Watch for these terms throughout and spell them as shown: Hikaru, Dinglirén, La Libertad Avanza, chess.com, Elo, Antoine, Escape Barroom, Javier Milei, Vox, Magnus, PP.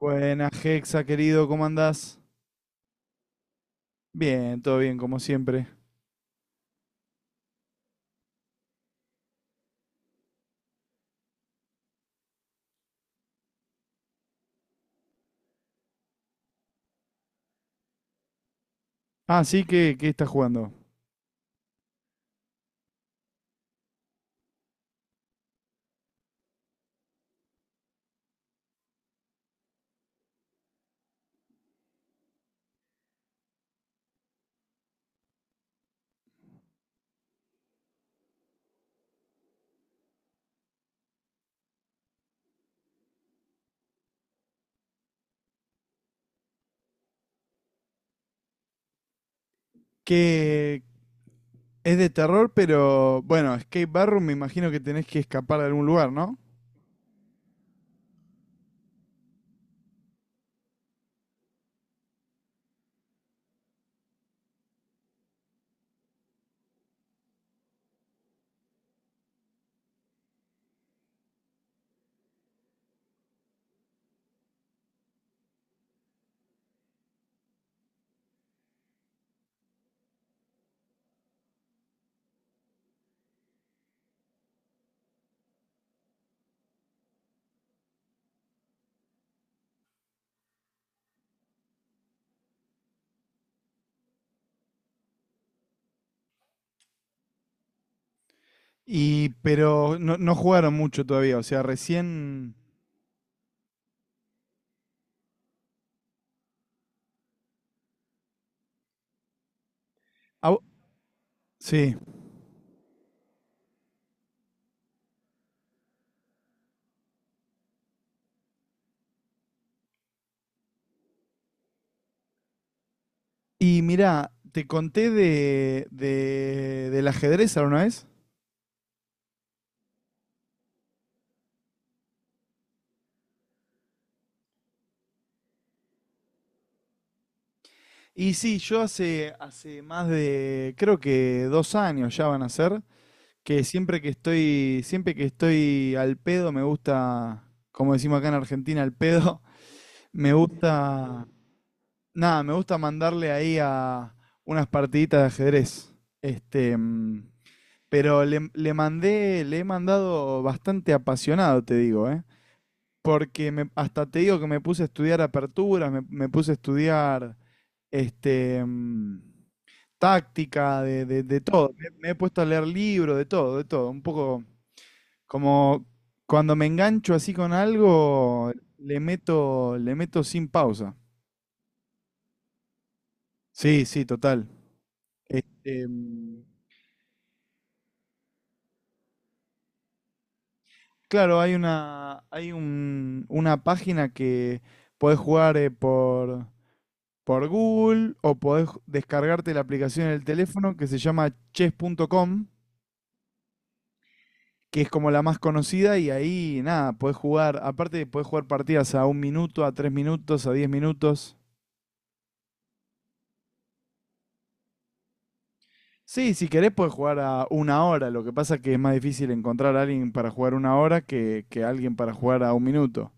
Buenas, Hexa, querido, ¿cómo andás? Bien, todo bien, como siempre. Ah, sí, ¿qué estás jugando? Que es de terror, pero bueno, Escape Barroom me imagino que tenés que escapar de algún lugar, ¿no? Y, pero no jugaron mucho todavía, o sea, recién. Ah, sí. Y mirá, te conté del ajedrez alguna vez. Y sí, yo hace más de, creo que 2 años ya van a ser, que siempre que estoy al pedo, me gusta, como decimos acá en Argentina, al pedo, me gusta, nada, me gusta mandarle ahí a unas partiditas de ajedrez. Este, pero le he mandado bastante apasionado, te digo, ¿eh? Porque hasta te digo que me puse a estudiar aperturas, me puse a estudiar este, mm, táctica, de todo. Me he puesto a leer libros, de todo, de todo. Un poco, como cuando me engancho así con algo, le meto sin pausa. Sí, sí, total. Este, claro, hay una página que podés jugar por Google o podés descargarte la aplicación en el teléfono que se llama chess.com, que es como la más conocida y ahí nada, podés jugar, aparte podés jugar partidas a 1 minuto, a 3 minutos, a 10 minutos. Sí, si querés puedes jugar a 1 hora. Lo que pasa que es más difícil encontrar a alguien para jugar 1 hora que alguien para jugar a 1 minuto.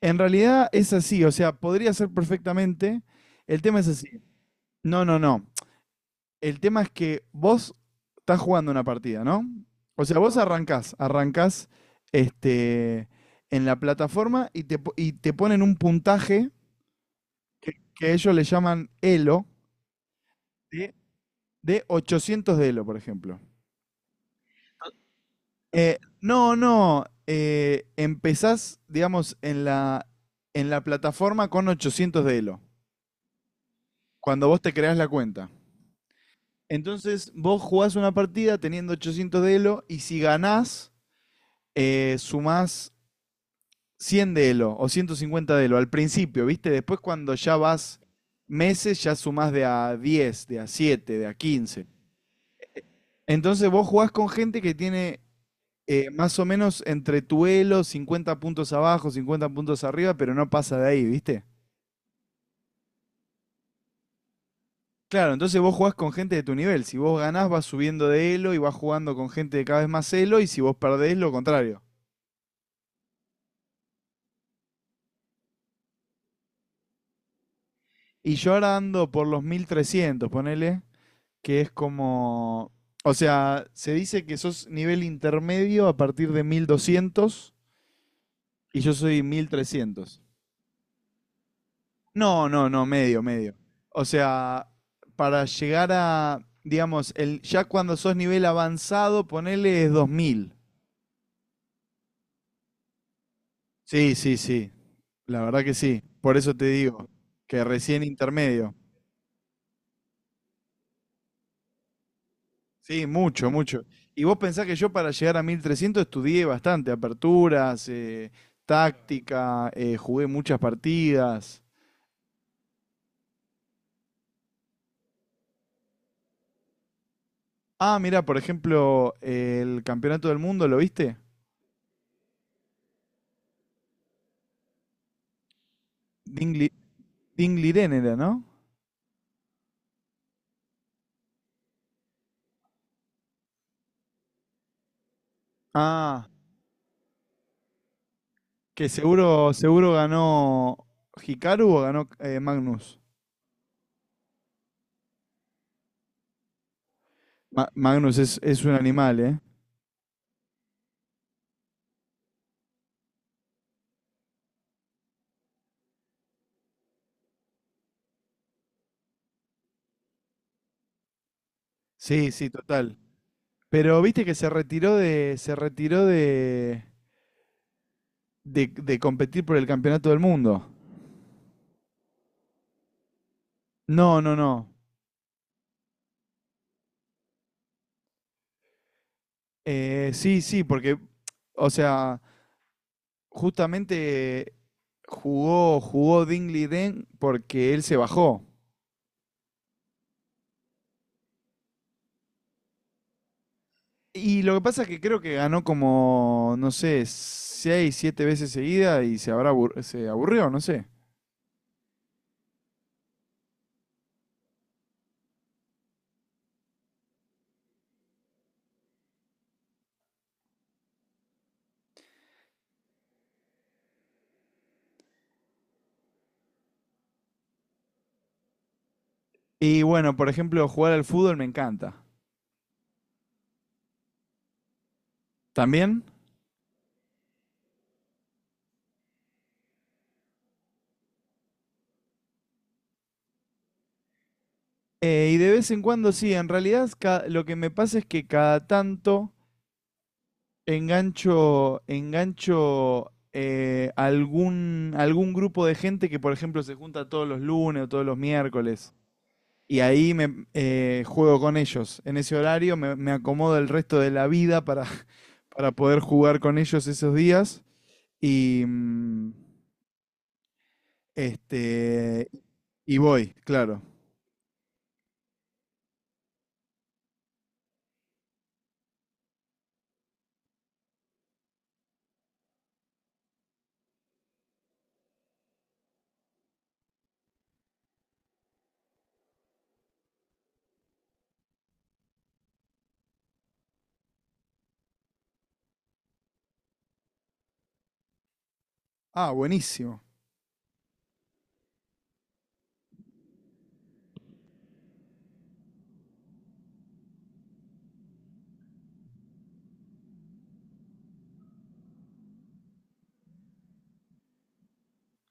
En realidad es así, o sea, podría ser perfectamente. El tema es así. No, no, no. El tema es que vos estás jugando una partida, ¿no? O sea, vos arrancás este, en la plataforma y y te ponen un puntaje que ellos le llaman Elo de, de 800 de Elo, por ejemplo. No, no. Empezás, digamos, en la plataforma con 800 de Elo, cuando vos te creás la cuenta. Entonces, vos jugás una partida teniendo 800 de Elo y si ganás, sumás 100 de Elo o 150 de Elo al principio, ¿viste? Después, cuando ya vas meses, ya sumás de a 10, de a 7, de a 15. Entonces, vos jugás con gente que tiene más o menos entre Tuelo, 50 puntos abajo, 50 puntos arriba, pero no pasa de ahí, ¿viste? Claro, entonces vos jugás con gente de tu nivel. Si vos ganás, vas subiendo de Elo y vas jugando con gente de cada vez más Elo, y si vos perdés, lo contrario. Y yo ahora ando por los 1300 ponele, que es como. O sea, se dice que sos nivel intermedio a partir de 1200 y yo soy 1300. No, no, no, medio, medio. O sea, para llegar a, digamos, el, ya cuando sos nivel avanzado, ponele es 2000. Sí, sí, sí. La verdad que sí. Por eso te digo, que recién intermedio. Sí, mucho, mucho. Y vos pensás que yo para llegar a 1300 estudié bastante, aperturas, táctica, jugué muchas partidas. Ah, mira, por ejemplo, el Campeonato del Mundo, ¿lo viste? Dingli, Dinglirén era, ¿no? Ah. Que seguro, seguro ganó Hikaru o ganó Magnus. Magnus es un animal, ¿eh? Sí, sí, total. Pero viste que se retiró de competir por el campeonato del mundo. No, no, no. Sí, sí, porque, o sea, justamente jugó Dingley Den porque él se bajó. Y lo que pasa es que creo que ganó como, no sé, seis, siete veces seguida y se habrá se aburrió, no sé. Y bueno, por ejemplo, jugar al fútbol me encanta. ¿También? Y de vez en cuando sí, en realidad lo que me pasa es que cada tanto engancho algún grupo de gente que, por ejemplo, se junta todos los lunes o todos los miércoles. Y ahí me juego con ellos. En ese horario me acomodo el resto de la vida para, para poder jugar con ellos esos días. Y mm, este y voy, claro. Ah, buenísimo.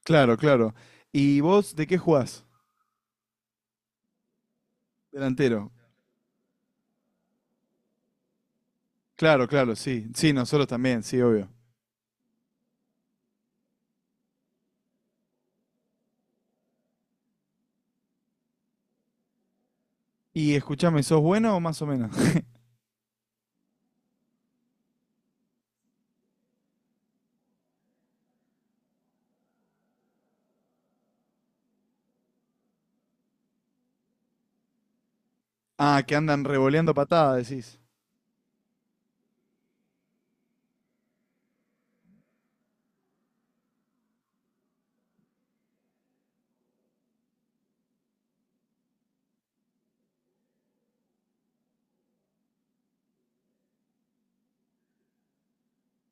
Claro, claro. ¿Y vos de qué jugás? Delantero. Claro, claro, sí. Sí, nosotros también, sí, obvio. Y escuchame, ¿sos bueno o más o menos? Ah, que andan revoleando patadas, decís.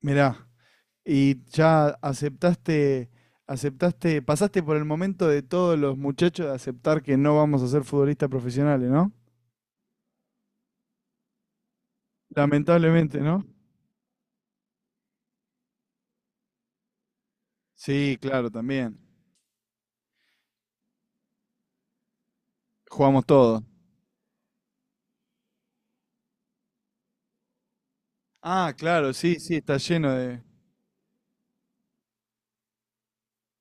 Mirá. Y ya aceptaste, pasaste por el momento de todos los muchachos de aceptar que no vamos a ser futbolistas profesionales, ¿no? Lamentablemente, ¿no? Sí, claro, también. Jugamos todo. Ah, claro, sí, sí, está lleno de.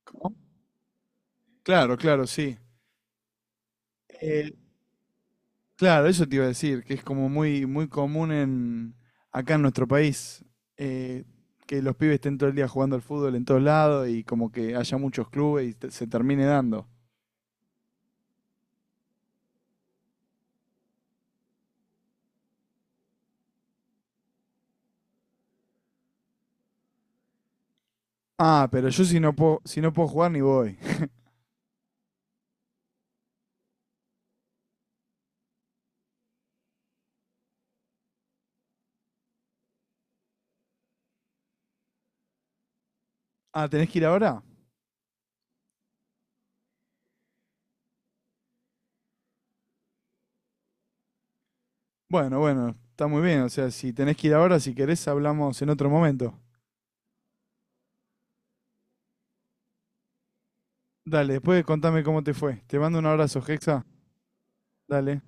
¿Cómo? Claro, claro, sí. Eh, claro, eso te iba a decir, que es como muy, muy común acá en nuestro país, eh, que los pibes estén todo el día jugando al fútbol en todos lados y como que haya muchos clubes y se termine dando. Ah, pero yo si no puedo jugar ni voy. Ah, ¿tenés que ir ahora? Bueno, bueno, está muy bien. O sea, si tenés que ir ahora, si querés, hablamos en otro momento. Dale, después contame cómo te fue. Te mando un abrazo, Hexa. Dale.